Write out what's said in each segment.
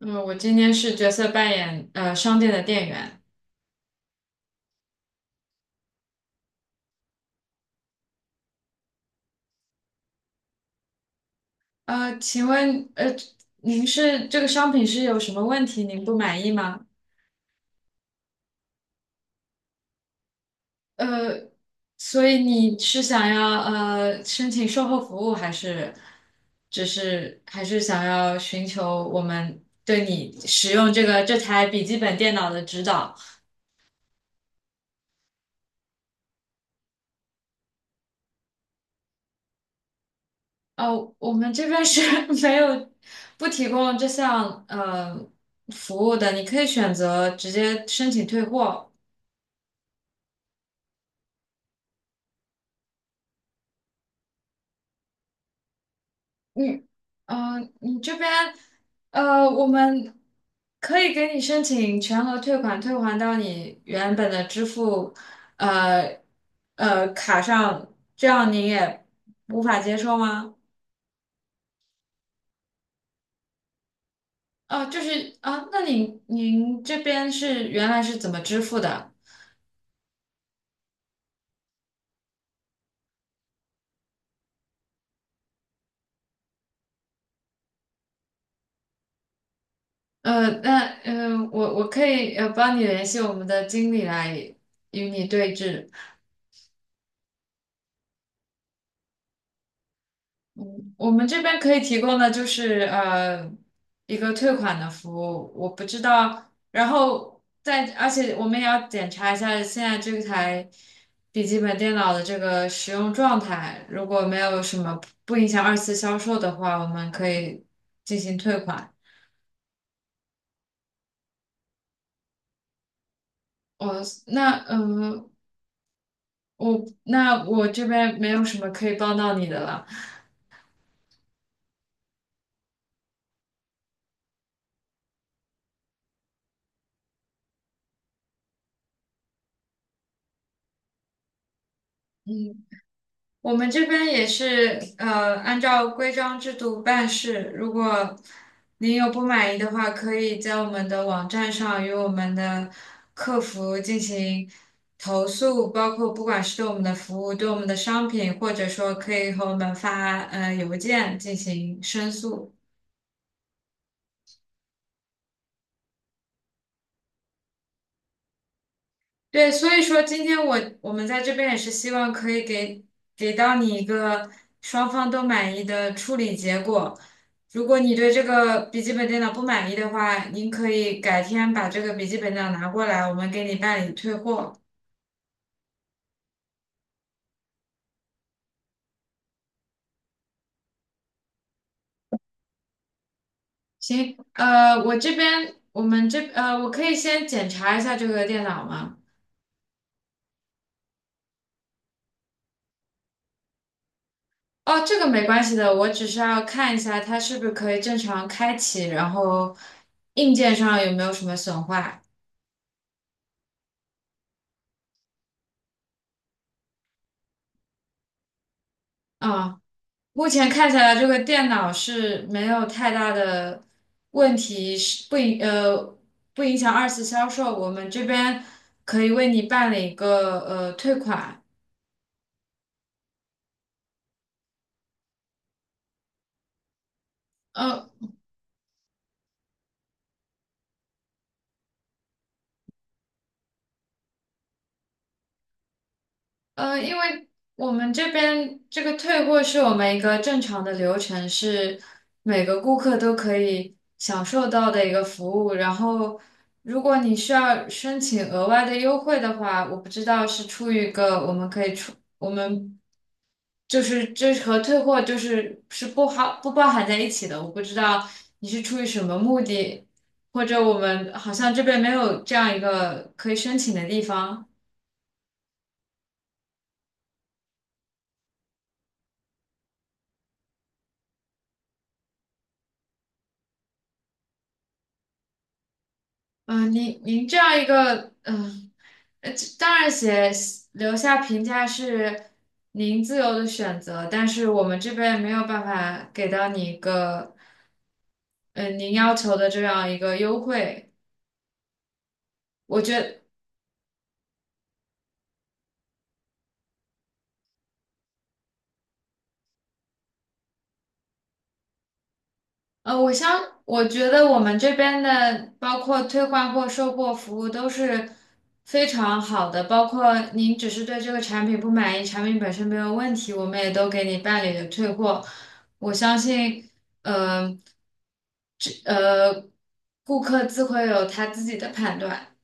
嗯，我今天是角色扮演商店的店员。请问您是这个商品是有什么问题您不满意吗？呃，所以你是想要申请售后服务，还是只是还是想要寻求我们对你使用这台笔记本电脑的指导？呃，我们这边是 没有不提供这项服务的，你可以选择直接申请退货。你，你这边，我们可以给你申请全额退款，退还到你原本的支付，呃，卡上，这样您也无法接受吗？那您这边是原来是怎么支付的？呃，那我可以帮你联系我们的经理来与你对峙。我们这边可以提供的就是一个退款的服务，我不知道。然后在，而且我们也要检查一下现在这台笔记本电脑的这个使用状态，如果没有什么不影响二次销售的话，我们可以进行退款。我那嗯、呃我那我这边没有什么可以帮到你的了。我们这边也是，按照规章制度办事。如果您有不满意的话，可以在我们的网站上与我们的客服进行投诉，包括不管是对我们的服务、对我们的商品，或者说可以和我们发邮件进行申诉。对，所以说今天我们在这边也是希望可以给给到你一个双方都满意的处理结果。如果你对这个笔记本电脑不满意的话，您可以改天把这个笔记本电脑拿过来，我们给你办理退货。行，我这边我们这呃，我可以先检查一下这个电脑吗？哦，这个没关系的，我只是要看一下它是不是可以正常开启，然后硬件上有没有什么损坏。嗯。目前看起来这个电脑是没有太大的问题，不影响二次销售。我们这边可以为你办理一个退款，呃因为我们这边这个退货是我们一个正常的流程，是每个顾客都可以享受到的一个服务。然后，如果你需要申请额外的优惠的话，我不知道是出于一个我们可以出。我们。就是这和退货是不包含在一起的。我不知道你是出于什么目的，或者我们好像这边没有这样一个可以申请的地方。嗯、您这样一个这当然写留下评价是您自由的选择，但是我们这边没有办法给到你一个。您要求的这样一个优惠，我觉我觉得我们这边的包括退换货、售后服务都是非常好的，包括您只是对这个产品不满意，产品本身没有问题，我们也都给你办理了退货。我相信，呃，这呃，顾客自会有他自己的判断。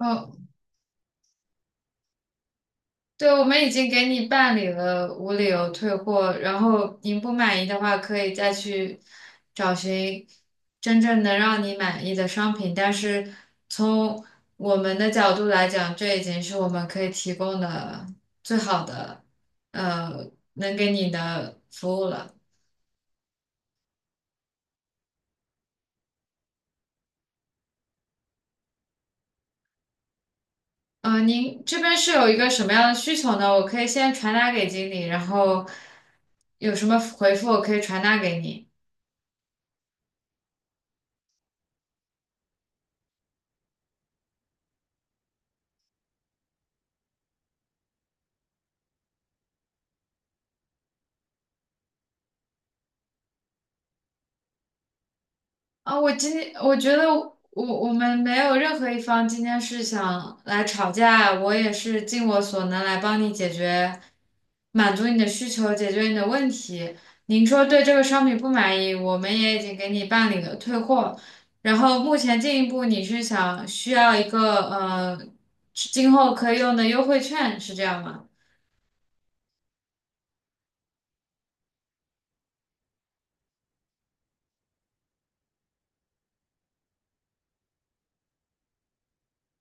嗯、对，我们已经给你办理了无理由退货，然后您不满意的话，可以再去找寻真正能让你满意的商品。但是从我们的角度来讲，这已经是我们可以提供的最好的，呃，能给你的服务了。您这边是有一个什么样的需求呢？我可以先传达给经理，然后有什么回复我可以传达给你。啊，我今天我觉得我我们没有任何一方今天是想来吵架，我也是尽我所能来帮你解决，满足你的需求，解决你的问题。您说对这个商品不满意，我们也已经给你办理了退货。然后目前进一步你是想需要一个今后可以用的优惠券，是这样吗？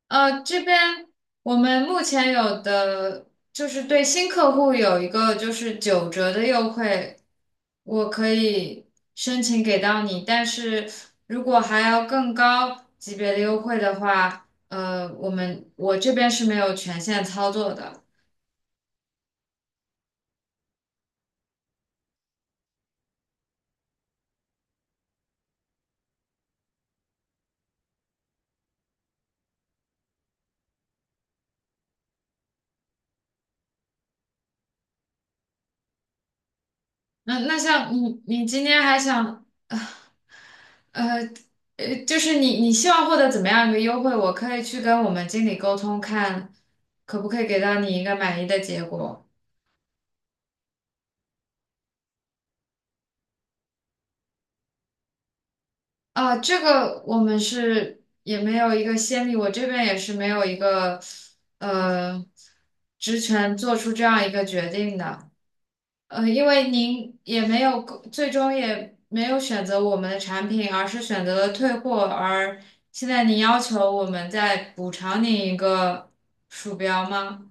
这边我们目前有的就是对新客户有一个就是九折的优惠，我可以申请给到你，但是如果还要更高级别的优惠的话，我这边是没有权限操作的。那像你，你今天还想，呃，就是你你希望获得怎么样一个优惠？我可以去跟我们经理沟通，看可不可以给到你一个满意的结果。这个我们是也没有一个先例，我这边也是没有一个呃职权做出这样一个决定的。因为您也没有最终也没有选择我们的产品，而是选择了退货，而现在您要求我们再补偿您一个鼠标吗？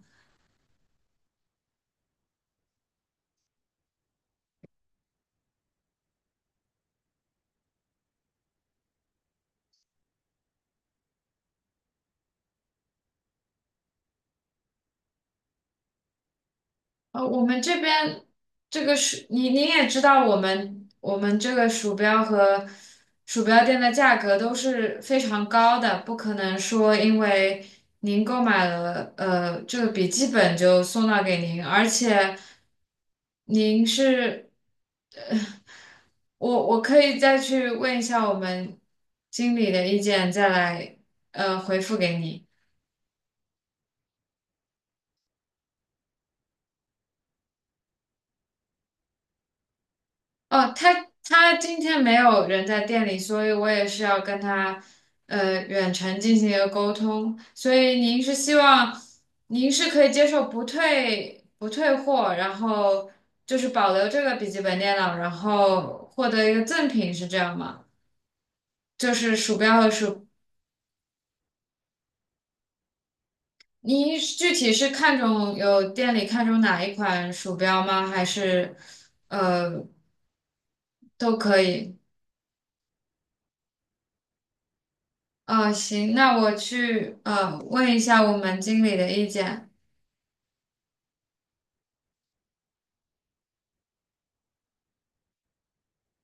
我们这边这个是你你也知道，我们这个鼠标和鼠标垫的价格都是非常高的，不可能说因为您购买了这个笔记本就送到给您，而且您是，呃我可以再去问一下我们经理的意见，再来回复给你。哦，他今天没有人在店里，所以我也是要跟他远程进行一个沟通。所以您是希望您是可以接受不退货，然后就是保留这个笔记本电脑，然后获得一个赠品，是这样吗？就是鼠标和鼠，您具体是看中有店里看中哪一款鼠标吗？还是呃都可以？行，那我去问一下我们经理的意见。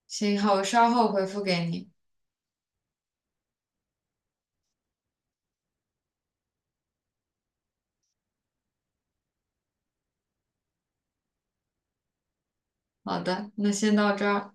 行，好，我稍后回复给你。好的，那先到这儿。